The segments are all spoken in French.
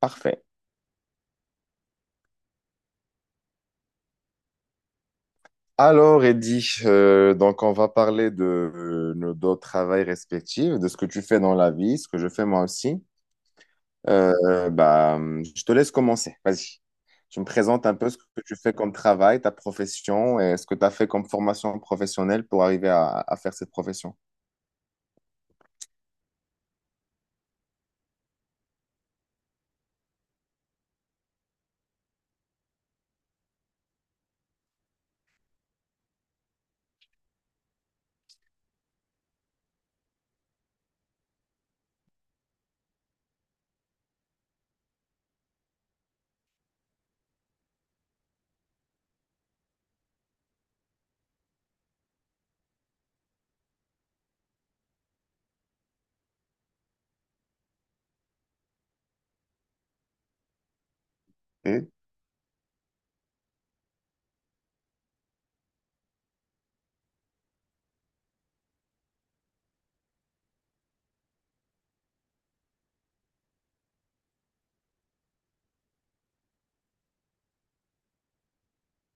Parfait. Alors, Eddy, donc on va parler de nos deux travails respectifs, de ce que tu fais dans la vie, ce que je fais moi aussi. Bah, je te laisse commencer. Vas-y. Tu me présentes un peu ce que tu fais comme travail, ta profession et ce que tu as fait comme formation professionnelle pour arriver à faire cette profession. Et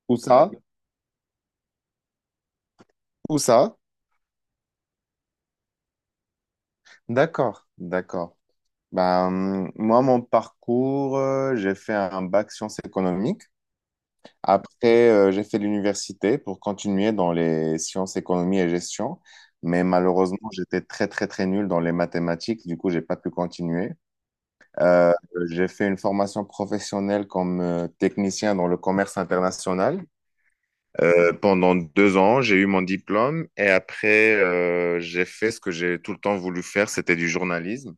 où ça? Où ça? D'accord, d'accord. Bah, moi, mon parcours, j'ai fait un bac sciences économiques. Après, j'ai fait l'université pour continuer dans les sciences, économie et gestion, mais malheureusement, j'étais très, très, très nul dans les mathématiques, du coup, j'ai pas pu continuer. Euh, j'ai fait une formation professionnelle comme technicien dans le commerce international. Pendant 2 ans, j'ai eu mon diplôme et après, j'ai fait ce que j'ai tout le temps voulu faire, c'était du journalisme.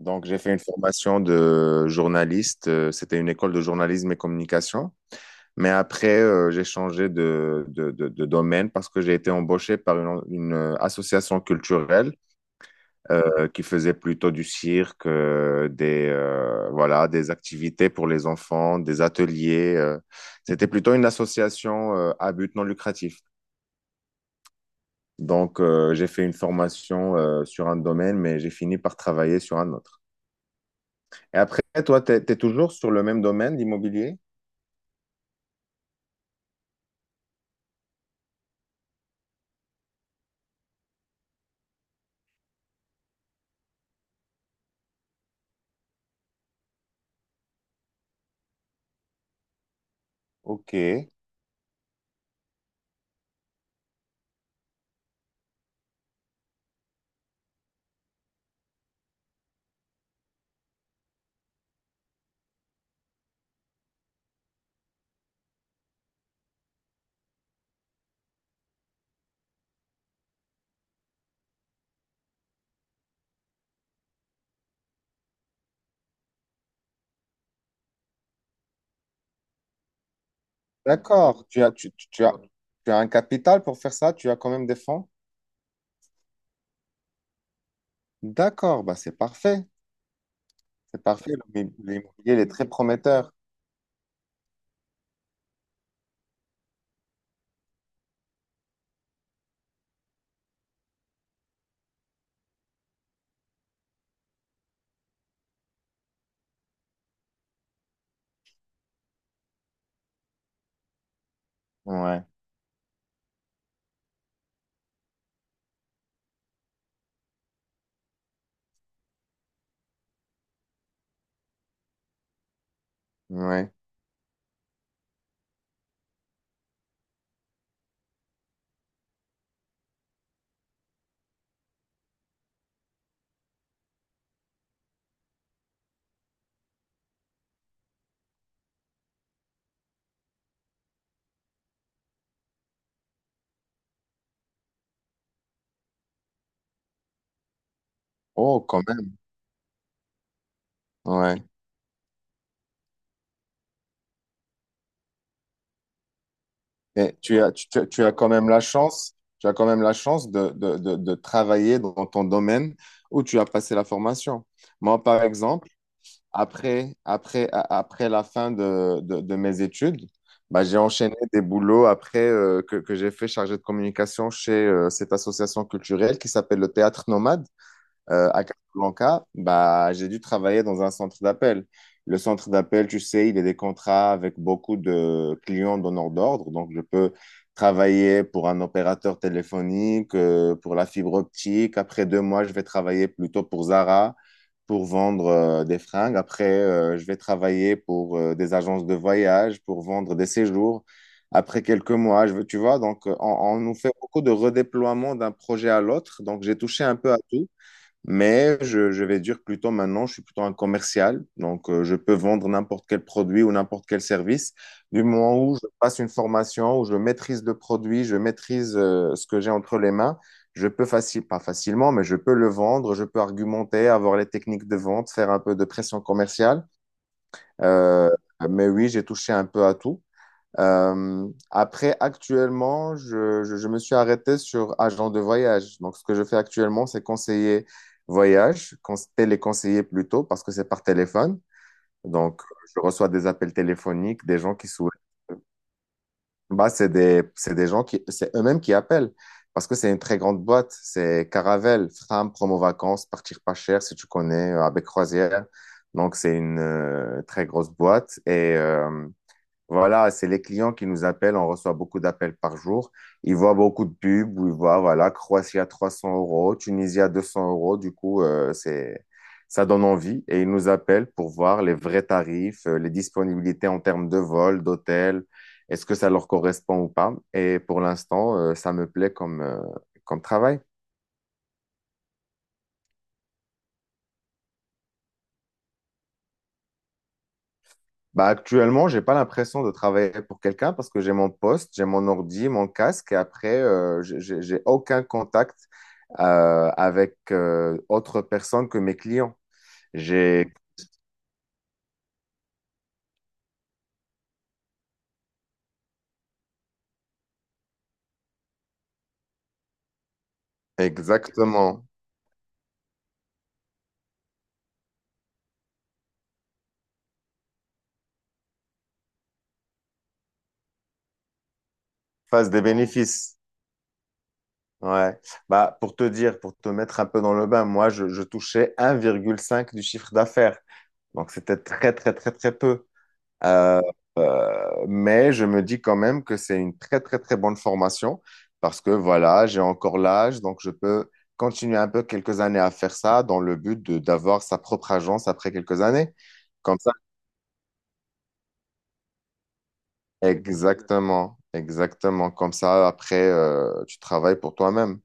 Donc, j'ai fait une formation de journaliste, c'était une école de journalisme et communication. Mais après, j'ai changé de domaine parce que j'ai été embauché par une, association culturelle qui faisait plutôt du cirque, voilà, des activités pour les enfants, des ateliers. C'était plutôt une association à but non lucratif. Donc, j'ai fait une formation sur un domaine, mais j'ai fini par travailler sur un autre. Et après, toi, tu es toujours sur le même domaine, l'immobilier? Ok. D'accord, tu as un capital pour faire ça, tu as quand même des fonds. D'accord, bah c'est parfait, c'est parfait. L'immobilier, il est très prometteur. Ouais, ouais. Oh, quand même, ouais. Et tu as quand même la chance, tu as quand même la chance de travailler dans ton domaine où tu as passé la formation. Moi, par exemple, après la fin de mes études, bah, j'ai enchaîné des boulots après que j'ai fait chargé de communication chez cette association culturelle qui s'appelle le Théâtre Nomade, à Casablanca, bah, j'ai dû travailler dans un centre d'appel. Le centre d'appel, tu sais, il y a des contrats avec beaucoup de clients donneurs d'ordre. Donc, je peux travailler pour un opérateur téléphonique, pour la fibre optique. Après 2 mois, je vais travailler plutôt pour Zara pour vendre des fringues. Après, je vais travailler pour des agences de voyage, pour vendre des séjours. Après quelques mois, je veux, tu vois, donc on nous fait beaucoup de redéploiement d'un projet à l'autre. Donc, j'ai touché un peu à tout. Mais je vais dire plutôt maintenant, je suis plutôt un commercial, donc je peux vendre n'importe quel produit ou n'importe quel service. Du moment où je passe une formation, où je maîtrise le produit, je maîtrise ce que j'ai entre les mains, je peux facile, pas facilement, mais je peux le vendre, je peux argumenter, avoir les techniques de vente, faire un peu de pression commerciale. Euh, mais oui, j'ai touché un peu à tout. Après, actuellement, je me suis arrêté sur agent de voyage. Donc, ce que je fais actuellement, c'est conseiller voyage, téléconseiller plutôt, parce que c'est par téléphone. Donc, je reçois des appels téléphoniques, des gens qui souhaitent. Bah, c'est des gens qui, c'est eux-mêmes qui appellent, parce que c'est une très grande boîte. C'est Caravelle, Fram, Promo Vacances, Partir pas cher, si tu connais, avec Croisière. Donc, c'est une très grosse boîte. Et, voilà, c'est les clients qui nous appellent. On reçoit beaucoup d'appels par jour. Ils voient beaucoup de pubs où ils voient, voilà, Croatie à 300 euros, Tunisie à 200 euros. Du coup, ça donne envie et ils nous appellent pour voir les vrais tarifs, les disponibilités en termes de vol, d'hôtel. Est-ce que ça leur correspond ou pas? Et pour l'instant, ça me plaît comme travail. Bah, actuellement, j'ai pas l'impression de travailler pour quelqu'un parce que j'ai mon poste, j'ai mon ordi, mon casque et après, j'ai aucun contact avec autre personne que mes clients. J'ai exactement face des bénéfices. Ouais. Bah, pour te dire, pour te mettre un peu dans le bain, moi, je touchais 1,5 du chiffre d'affaires. Donc, c'était très, très, très, très peu. Euh, mais je me dis quand même que c'est une très, très, très bonne formation parce que voilà, j'ai encore l'âge, donc je peux continuer un peu quelques années à faire ça dans le but de d'avoir sa propre agence après quelques années. Comme ça, exactement, exactement. Comme ça, après, tu travailles pour toi-même.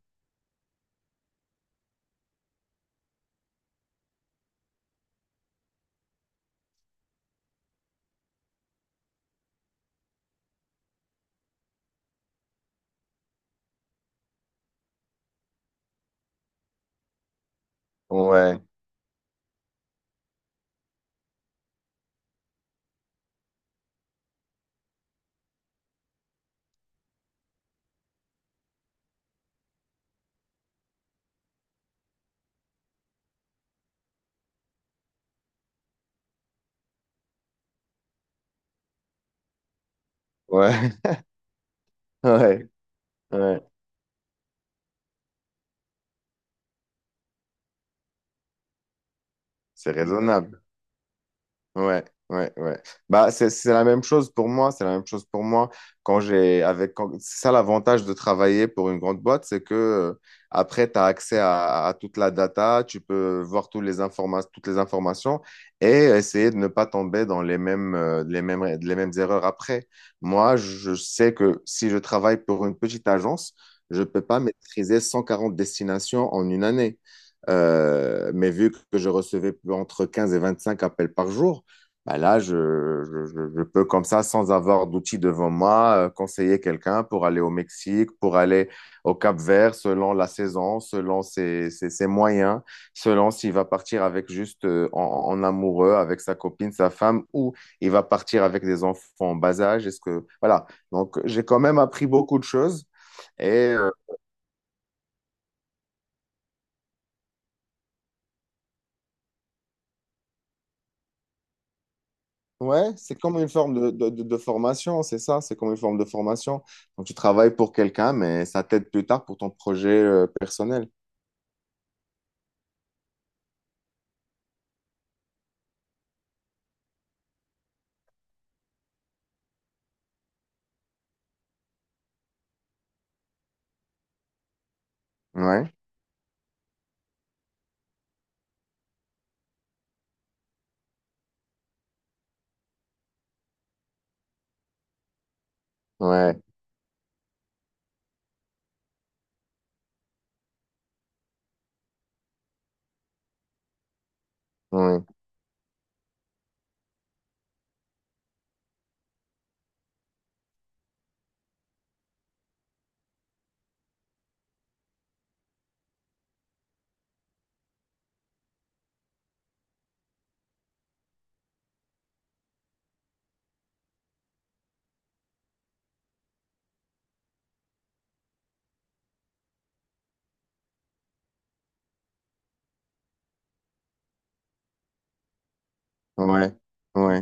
Ouais, ouais, ouais, ouais. C'est raisonnable. Ouais, ouais, ouais. Bah, c'est la même chose pour moi. C'est la même chose pour moi. Quand j'ai, avec, quand- c'est ça l'avantage de travailler pour une grande boîte, c'est que après, tu as accès à toute la data, tu peux voir toutes les informations et essayer de ne pas tomber dans les mêmes erreurs après. Moi, je sais que si je travaille pour une petite agence, je peux pas maîtriser 140 destinations en une année. Mais vu que je recevais entre 15 et 25 appels par jour, bah là, je peux comme ça, sans avoir d'outils devant moi, conseiller quelqu'un pour aller au Mexique, pour aller au Cap-Vert, selon la saison, selon ses moyens, selon s'il va partir avec juste en amoureux, avec sa copine, sa femme, ou il va partir avec des enfants en bas âge. Voilà. Donc, j'ai quand même appris beaucoup de choses. Et ouais, c'est comme une forme de formation, c'est ça, c'est comme une forme de formation. Donc tu travailles pour quelqu'un, mais ça t'aide plus tard pour ton projet personnel. Ouais, ouais, ouais, ouais, ouais.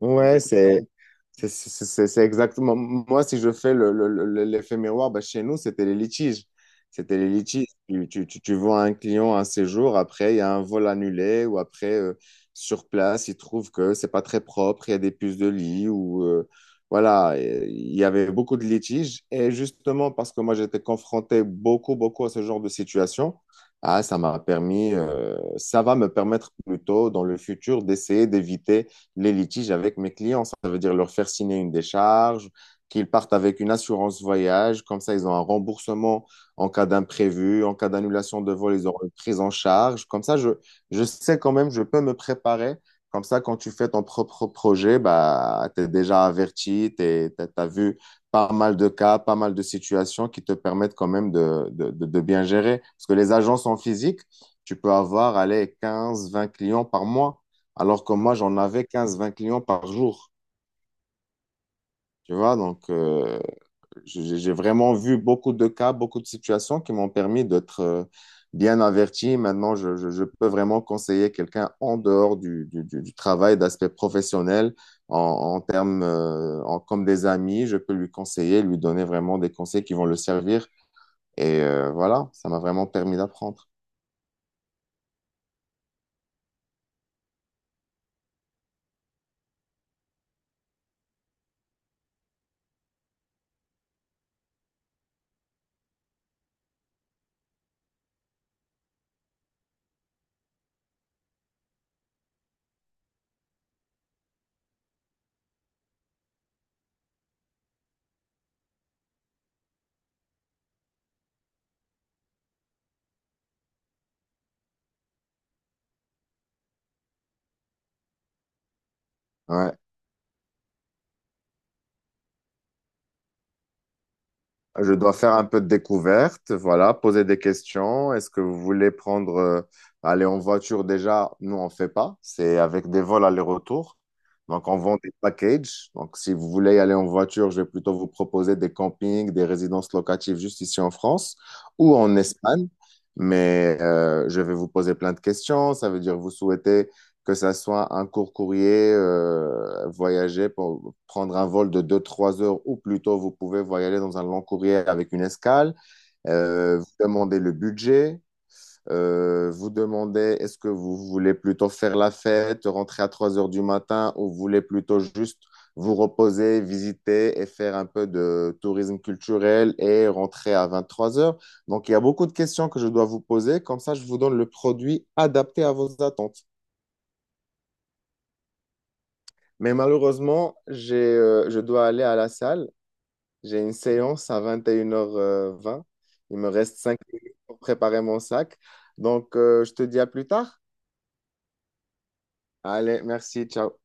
Ouais, c'est exactement. Moi, si je fais l'effet miroir, bah, chez nous, c'était les litiges. C'était les litiges. Tu vois un client un séjour, après, il y a un vol annulé, ou après, sur place, il trouve que c'est pas très propre, il y a des puces de lit, ou voilà. Et il y avait beaucoup de litiges. Et justement, parce que moi, j'étais confronté beaucoup, beaucoup à ce genre de situation, ah, ça m'a permis, ça va me permettre plutôt dans le futur d'essayer d'éviter les litiges avec mes clients. Ça veut dire leur faire signer une décharge, qu'ils partent avec une assurance voyage. Comme ça, ils ont un remboursement en cas d'imprévu, en cas d'annulation de vol, ils auront une prise en charge. Comme ça, je sais quand même, je peux me préparer. Comme ça, quand tu fais ton propre projet, bah, tu es déjà averti, tu as vu pas mal de cas, pas mal de situations qui te permettent quand même de bien gérer. Parce que les agences en physique, tu peux avoir, allez, 15 20 clients par mois. Alors que moi, j'en avais 15, 20 clients par jour. Tu vois, donc j'ai vraiment vu beaucoup de cas, beaucoup de situations qui m'ont permis d'être bien averti. Maintenant, je peux vraiment conseiller quelqu'un en dehors du travail, d'aspect professionnel, en termes comme des amis. Je peux lui conseiller, lui donner vraiment des conseils qui vont le servir. Et voilà, ça m'a vraiment permis d'apprendre. Ouais. Je dois faire un peu de découverte, voilà, poser des questions. Est-ce que vous voulez aller en voiture déjà? Nous, on fait pas. C'est avec des vols aller-retour. Donc, on vend des packages. Donc, si vous voulez aller en voiture, je vais plutôt vous proposer des campings, des résidences locatives juste ici en France ou en Espagne. Mais je vais vous poser plein de questions. Ça veut dire vous souhaitez que ça soit un court courrier voyager pour prendre un vol de 2 trois heures ou plutôt vous pouvez voyager dans un long courrier avec une escale, vous demandez le budget, vous demandez est-ce que vous voulez plutôt faire la fête, rentrer à 3 heures du matin ou vous voulez plutôt juste vous reposer, visiter et faire un peu de tourisme culturel et rentrer à 23 heures. Donc il y a beaucoup de questions que je dois vous poser, comme ça je vous donne le produit adapté à vos attentes. Mais malheureusement, je dois aller à la salle. J'ai une séance à 21h20. Il me reste 5 minutes pour préparer mon sac. Donc, je te dis à plus tard. Allez, merci, ciao.